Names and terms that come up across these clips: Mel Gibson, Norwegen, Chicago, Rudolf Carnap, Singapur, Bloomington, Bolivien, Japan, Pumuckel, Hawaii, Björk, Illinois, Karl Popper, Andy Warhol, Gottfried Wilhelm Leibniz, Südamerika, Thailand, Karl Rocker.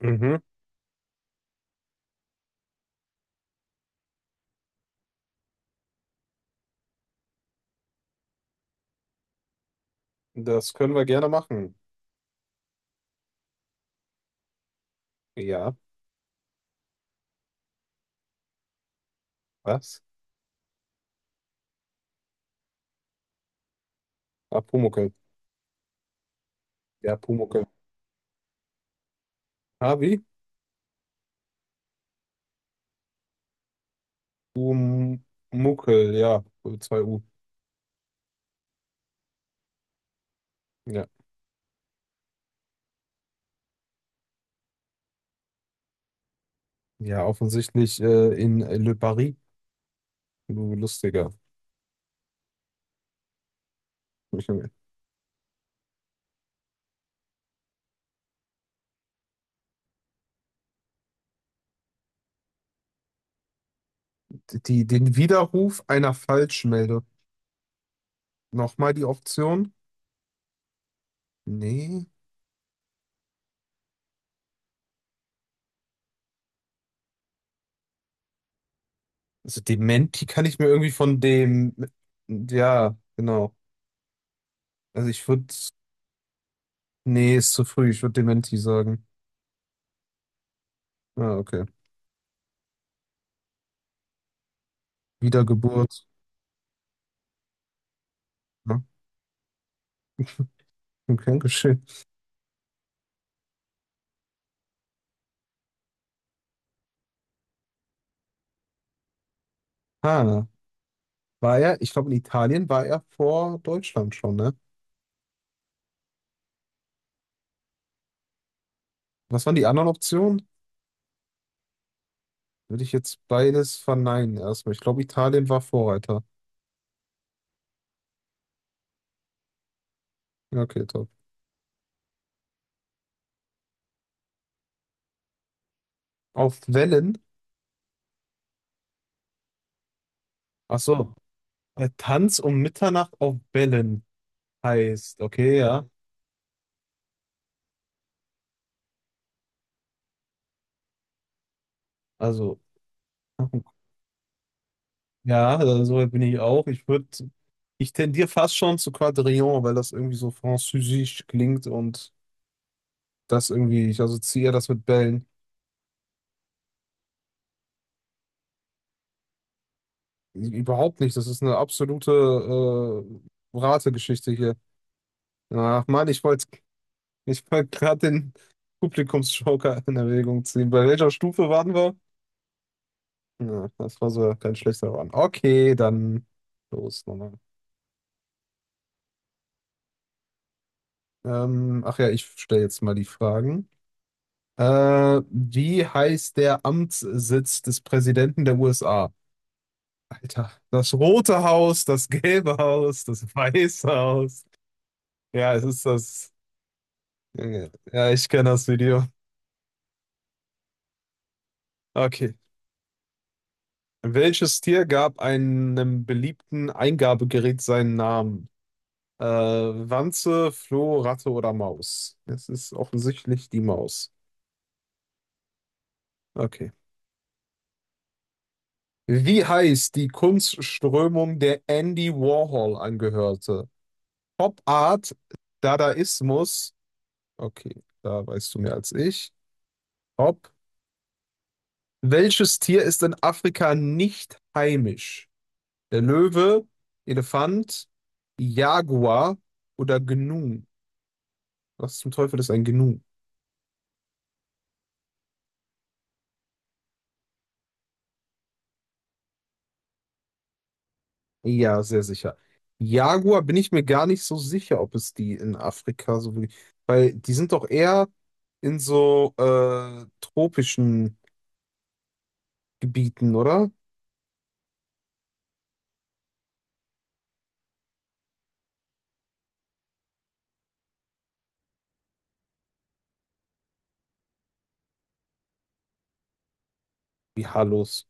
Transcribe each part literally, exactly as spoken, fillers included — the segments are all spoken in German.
Mhm. Das können wir gerne machen. Ja, was? Ah, Pumuckel. Ja, Pumuckel. Ah, wie? Pumuckel, ja. Zwei U. Ja. Ja, offensichtlich äh, in Le Paris. Du lustiger. Die, den Widerruf einer Falschmeldung. Nochmal die Option? Nee. Also Dementi kann ich mir irgendwie von dem. Ja, genau. Also ich würde. Nee, ist zu früh. Ich würde Dementi sagen. Ah, okay. Wiedergeburt. Ja, okay, geschehen. Ah, war er, ich glaube, in Italien war er vor Deutschland schon, ne? Was waren die anderen Optionen? Würde ich jetzt beides verneinen erstmal. Ich glaube, Italien war Vorreiter. Ja, okay, top. Auf Wellen? Ach so, der Tanz um Mitternacht auf Wellen heißt, okay, ja. Also, ja, also so weit bin ich auch. Ich würde, ich tendiere fast schon zu Quadrillon, weil das irgendwie so französisch klingt und das irgendwie, ich assoziiere das mit Bällen. Überhaupt nicht. Das ist eine absolute äh, Rategeschichte hier. Ach Mann, ich wollte ich wollt gerade den Publikumsjoker in Erwägung ziehen. Bei welcher Stufe waren wir? Ja, das war so kein schlechter Run. Okay, dann los nochmal. Ähm, ach ja, ich stelle jetzt mal die Fragen. Äh, wie heißt der Amtssitz des Präsidenten der U S A? Alter, das Rote Haus, das Gelbe Haus, das Weiße Haus. Ja, es ist das. Ja, ich kenne das Video. Okay. Welches Tier gab einem beliebten Eingabegerät seinen Namen? Äh, Wanze, Floh, Ratte oder Maus? Es ist offensichtlich die Maus. Okay. Wie heißt die Kunstströmung, der Andy Warhol angehörte? Pop Art, Dadaismus. Okay, da weißt du mehr als ich. Pop. Welches Tier ist in Afrika nicht heimisch? Der Löwe, Elefant, Jaguar oder Gnu. Was zum Teufel ist ein Gnu? Ja, sehr sicher. Jaguar bin ich mir gar nicht so sicher, ob es die in Afrika so wirklich. Weil die sind doch eher in so äh, tropischen Gebieten, oder? Wie Halos.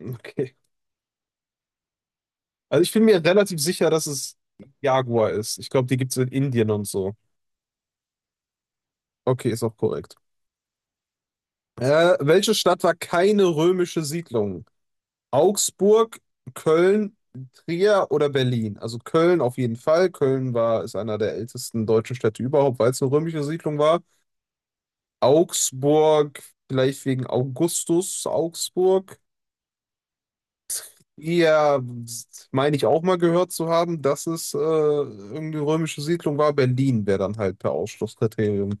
Okay. Also ich bin mir relativ sicher, dass es Jaguar ist. Ich glaube, die gibt es in Indien und so. Okay, ist auch korrekt. Äh, welche Stadt war keine römische Siedlung? Augsburg, Köln, Trier oder Berlin. Also Köln auf jeden Fall. Köln war, ist einer der ältesten deutschen Städte überhaupt, weil es eine römische Siedlung war. Augsburg, vielleicht wegen Augustus Augsburg. Ja, meine ich auch mal gehört zu haben, dass es äh, irgendeine römische Siedlung war. Berlin wäre dann halt per Ausschlusskriterium.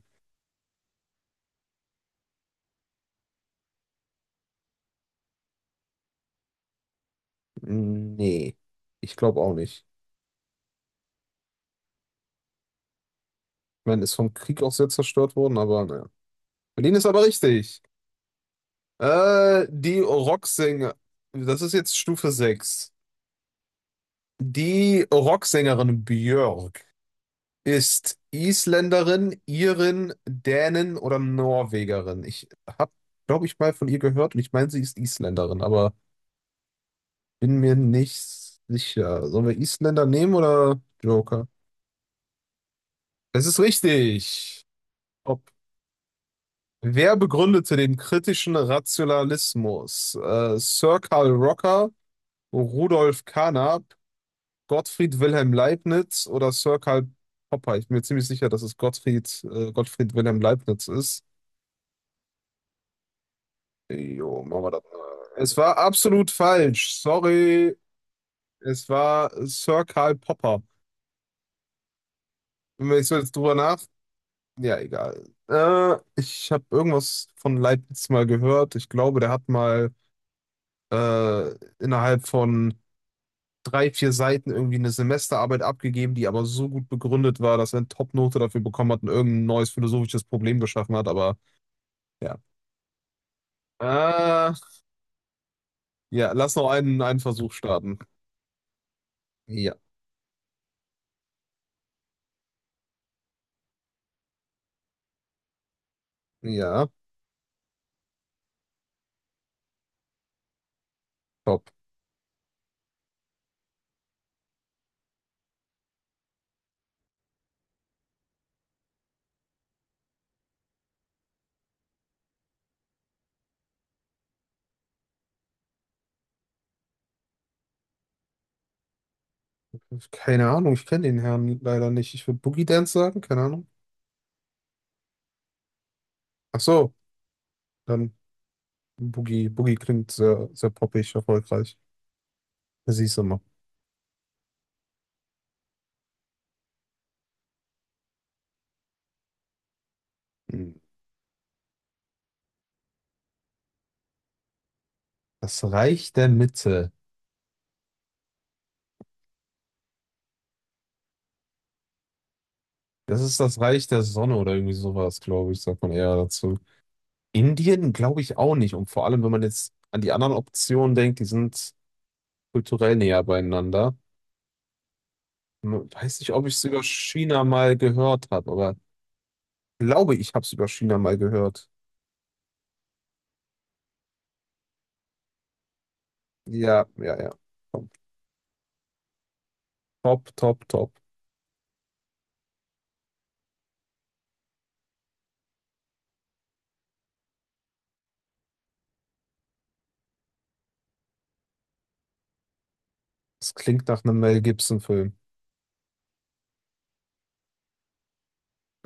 Nee, ich glaube auch nicht. Ich meine, ist vom Krieg auch sehr zerstört worden, aber naja. Berlin ist aber richtig. Äh, die Rocksänger, das ist jetzt Stufe sechs. Die Rocksängerin Björk ist Isländerin, Irin, Dänin oder Norwegerin. Ich habe, glaube ich, mal von ihr gehört und ich meine, sie ist Isländerin, aber bin mir nicht sicher. Sollen wir Isländer nehmen oder Joker? Es ist richtig. Ob. Wer begründete den kritischen Rationalismus? Äh, Sir Karl Rocker, Rudolf Carnap, Gottfried Wilhelm Leibniz oder Sir Karl Popper. Ich bin mir ziemlich sicher, dass es Gottfried, äh, Gottfried Wilhelm Leibniz ist. Jo, machen wir das mal. Es war absolut falsch. Sorry. Es war Sir Karl Popper. Und wenn ich so jetzt drüber nach. Ja, egal. Äh, ich habe irgendwas von Leibniz mal gehört. Ich glaube, der hat mal äh, innerhalb von drei, vier Seiten irgendwie eine Semesterarbeit abgegeben, die aber so gut begründet war, dass er eine Top-Note dafür bekommen hat und irgendein neues philosophisches Problem geschaffen hat. Aber ja. Äh, ja, lass noch einen, einen Versuch starten. Ja, ja, top. Keine Ahnung, ich kenne den Herrn leider nicht. Ich würde Boogie Dance sagen, keine Ahnung. Ach so, dann Boogie. Boogie klingt sehr, sehr poppig, erfolgreich. Das siehst du mal. Hm. Das Reich der Mitte. Das ist das Reich der Sonne oder irgendwie sowas, glaube ich, sagt man eher dazu. Indien glaube ich auch nicht. Und vor allem, wenn man jetzt an die anderen Optionen denkt, die sind kulturell näher beieinander. Hm, weiß nicht, ob ich es über China mal gehört habe, aber glaube ich, habe es über China mal gehört. Ja, ja, ja. Top, top, top. Es klingt nach einem Mel Gibson-Film.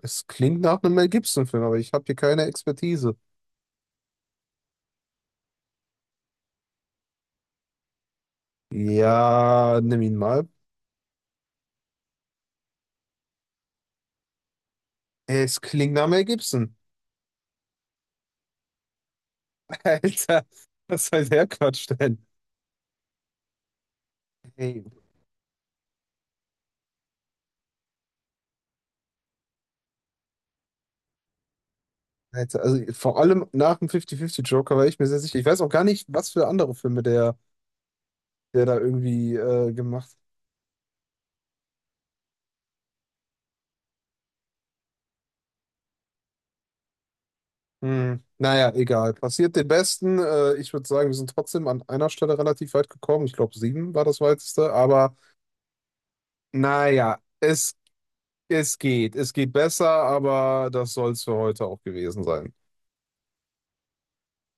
Es klingt nach einem Mel Gibson-Film, aber ich habe hier keine Expertise. Ja, nimm ihn mal. Es klingt nach Mel Gibson. Alter, was soll der Quatsch denn? Hey, Also also vor allem nach dem fünfzig fünfzig Joker war ich mir sehr sicher. Ich weiß auch gar nicht, was für andere Filme der, der da irgendwie äh, gemacht hat. Hm. Naja, egal. Passiert den Besten. Äh, ich würde sagen, wir sind trotzdem an einer Stelle relativ weit gekommen. Ich glaube, sieben war das weiteste. Aber naja, es, es geht. Es geht besser, aber das soll es für heute auch gewesen sein.